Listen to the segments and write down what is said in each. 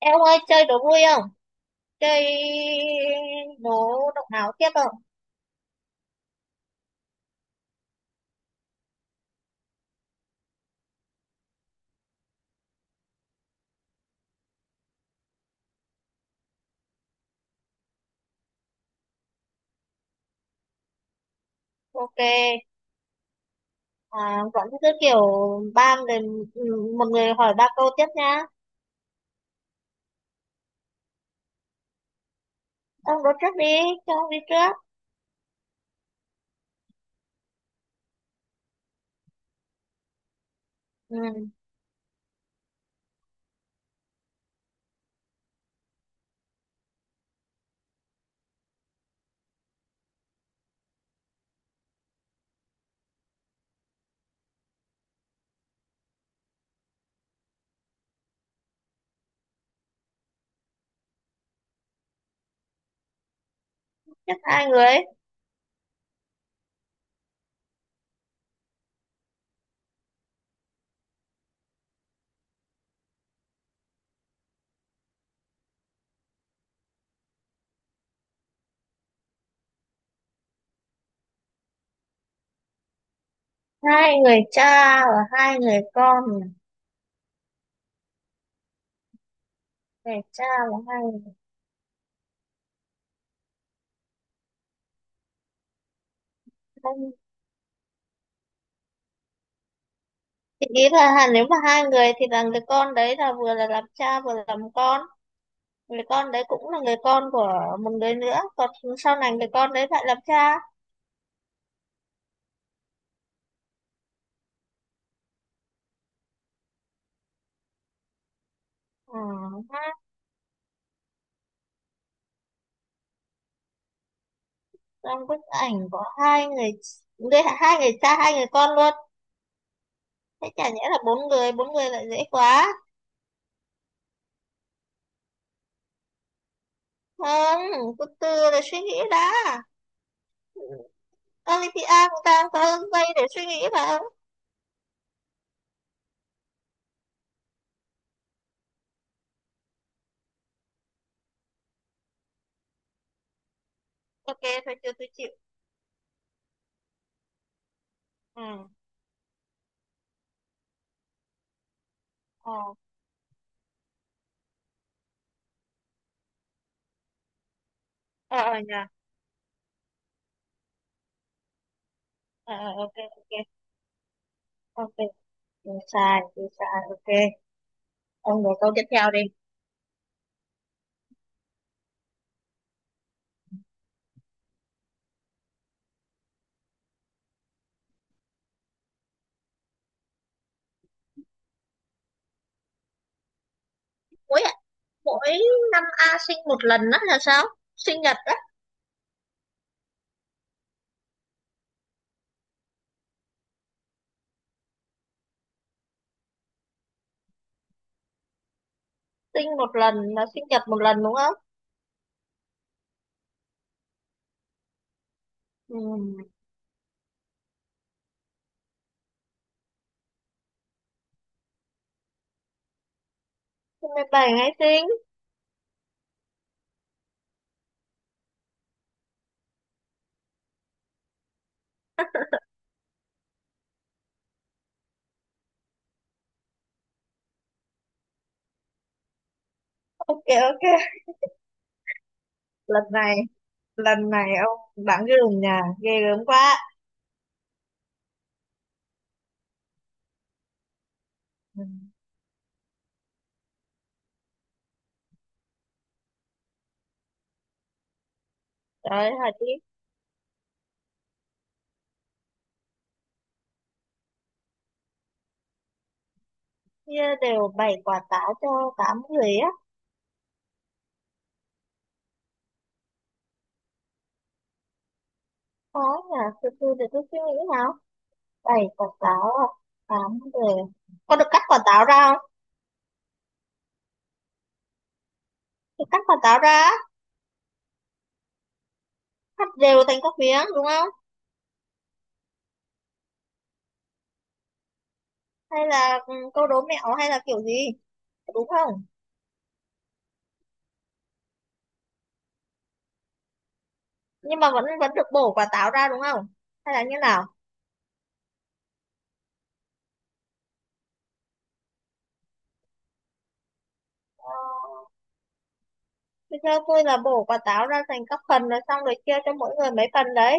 Em ơi, chơi đố vui không? Chơi đố động não tiếp không? Ok. À, vẫn cứ kiểu ba người, một người hỏi ba câu tiếp nha. Ông đố trước đi, cho ông đi trước. Ừ. Tiếp hai người. Hai người cha và hai người con. Người cha và hai người con. Thì ý là nếu mà hai người thì là người con đấy là vừa là làm cha vừa là làm con. Người con đấy cũng là người con của một người nữa. Còn sau này người con đấy lại làm cha. Ừ. Trong bức ảnh có hai người, đây hai người cha hai người con luôn. Thế chả nhẽ là bốn người? Bốn người lại dễ quá. Không, từ từ để suy nghĩ đã. Olympia cũng đang có giây để suy nghĩ mà. Ok, thôi chưa, tôi chịu. Ừ. ờ ờ ờ nhà. Ờ ờ, ok ok. Ok, tôi sai tôi sai. Ok, ông nói câu tiếp theo đi. Mỗi mỗi năm A sinh một lần đó là sao? Sinh nhật á? Sinh một lần là sinh nhật một lần đúng không? Ừ. 17 ngày sinh. Ok ok. Lần này, lần này ông bạn cái lùng nhà ghê gớm quá. Ừ. Trời ơi, hả chị? Đều bày quả táo cho tám người á? Khó nhờ, từ từ để tôi suy nghĩ nào. Bày quả táo à, tám người. Có được cắt quả táo ra không? Được cắt quả táo ra á, cắt đều thành các miếng đúng không? Hay là câu đố mẹo hay là kiểu gì, đúng không? Nhưng mà vẫn vẫn được bổ quả táo ra đúng không? Hay là như nào? Ờ, thì theo tôi là bổ quả táo ra thành các phần rồi xong rồi chia cho mỗi người mấy phần đấy.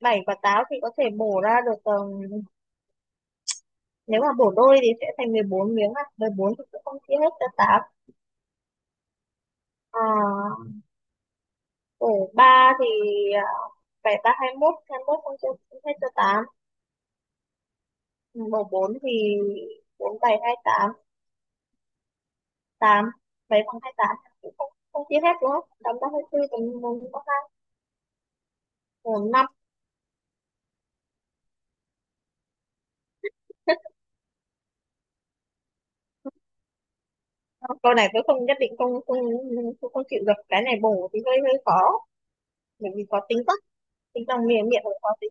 Bảy quả táo thì có thể bổ ra được, nếu mà bổ đôi thì sẽ thành 14 miếng à. Mười bốn thì cũng không chia hết cho 8. À, bổ 3 thì ờ, bảy ba hai mốt, hai mốt không chia hết cho tám. Bổ 4 thì 4 7 8 8 7 bằng hai tám, cũng không không chia hết đúng không? Tám ba hai 24 tầm 4 có 2 4 5. Câu này tôi không nhất định không không không, không chịu được, cái này bổ thì hơi hơi khó. Bởi vì có tính cách tính bằng miệng, cũng có tính.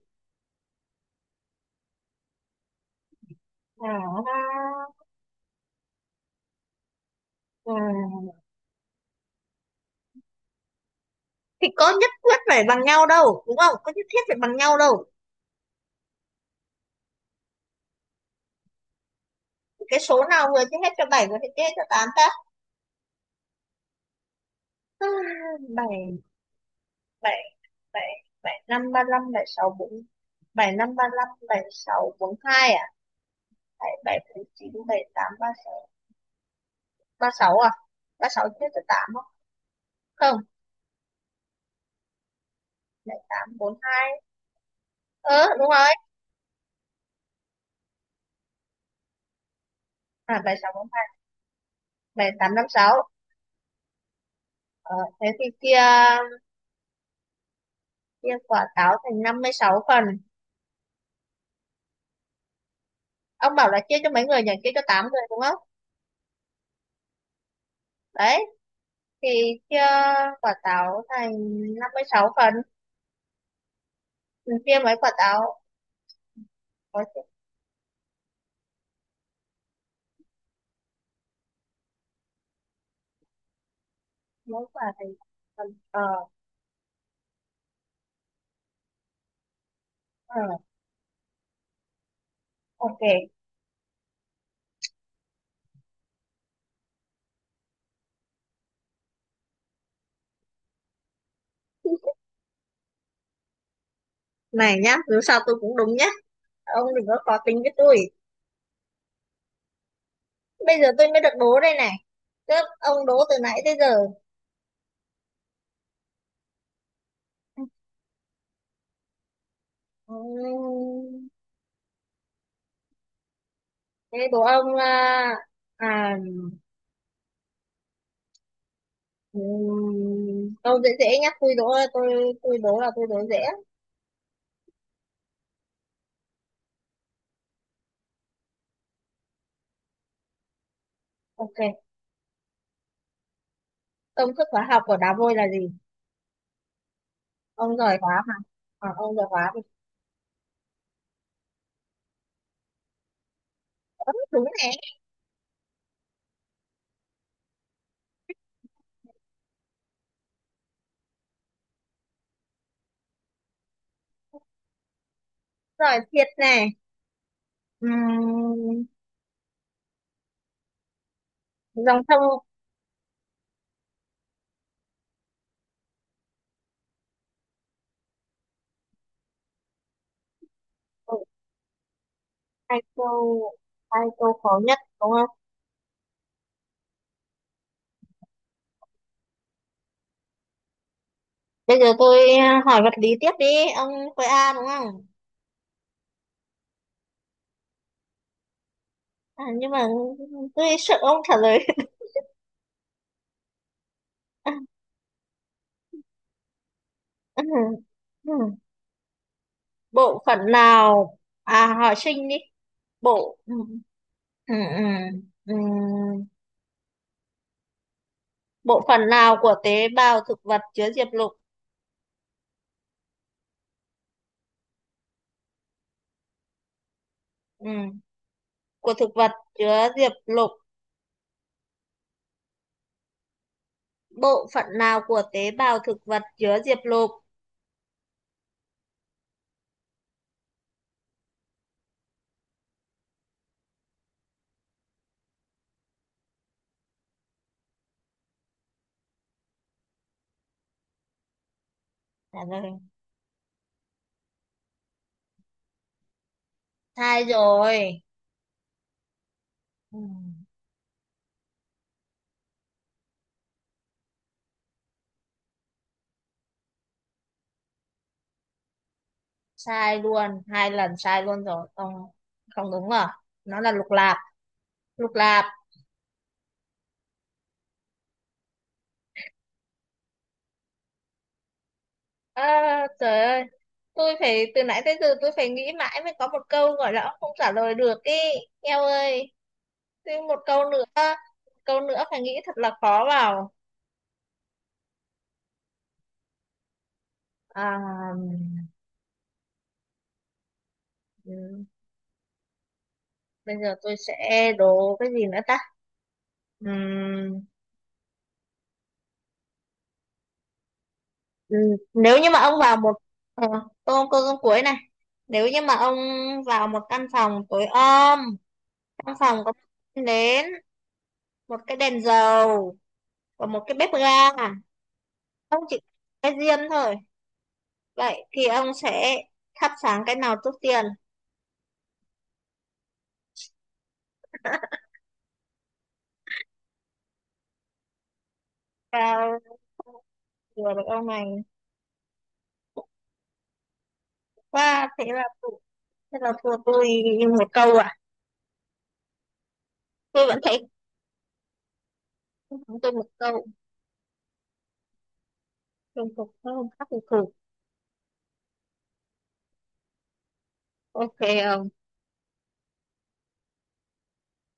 À, à, thì có nhất quyết phải bằng nhau đâu đúng không, có nhất thiết phải bằng nhau đâu. Cái số nào vừa chia hết cho bảy vừa chia hết cho tám ta? À, bảy bảy bảy bảy năm ba năm bảy sáu bốn, bảy năm ba năm bảy sáu bốn hai à, bảy bảy bốn chín bảy tám ba sáu, ba sáu à? Ba sáu chia cho tám không? Không. Bảy tám bốn hai, ờ đúng rồi. À bảy sáu bốn hai, bảy tám năm sáu. Ờ thế thì kia, chia quả táo thành 56 phần. Ông bảo là chia cho mấy người nhỉ, chia cho 8 người đúng không? Đấy, thì chia quả táo thành 56 phần. Mình chia mấy quả táo, có chia mấy quả thành phần. Ờ ờ, ok. Này nhá, dù sao tôi cũng đúng nhá, ông đừng có khó tính với tôi. Bây giờ tôi mới được đố đây này, chứ ông đố từ nãy tới giờ. Ừm, thế đố ông à câu dễ dễ nhá, tôi đố. Tôi đố là tôi đố dễ. Ok, công thức hóa học của đá vôi là gì? Ông giỏi hóa mà. À, ông giỏi hóa thì. Ớ, đúng này. Giỏi thiệt này. Ừm, dòng sông. Ừ, hai câu, hai câu khó nhất đúng không? Bây giờ tôi hỏi vật lý tiếp đi. Ông khối A đúng không? À, nhưng mà tôi sợ ông trả lời. Bộ phận nào, à hỏi sinh đi. Bộ ừ, ừ, ừ. Bộ phận nào của tế bào thực vật chứa diệp lục? Ừ. Của thực vật, chứa diệp lục. Bộ phận nào của tế bào thực vật chứa diệp lục? Sai rồi. Ừ. Sai luôn, hai lần sai luôn rồi. Không không, đúng rồi, nó là lục lạp. Lục lạp. À, trời ơi, tôi phải từ nãy tới giờ tôi phải nghĩ mãi mới có một câu gọi là không trả lời được ý. Eo ơi, thêm một câu nữa. Một câu nữa phải nghĩ thật là khó vào. À, ừ, bây giờ tôi sẽ đố cái gì nữa ta. Ừm, Ừ, nếu như mà ông vào một ờ, câu câu câu cuối này. Nếu như mà ông vào một căn phòng tối om, trong phòng có một cái nến, một cái đèn dầu và một cái bếp ga, ông chỉ cái diêm thôi, vậy thì ông sẽ thắp sáng cái nào trước tiên? Và vừa được ông này. Và thế là thế là thua tôi một câu à? Tôi vẫn thấy thắng tôi một câu. Chung phục tôi không khác thì thủ. Ok. Ờ.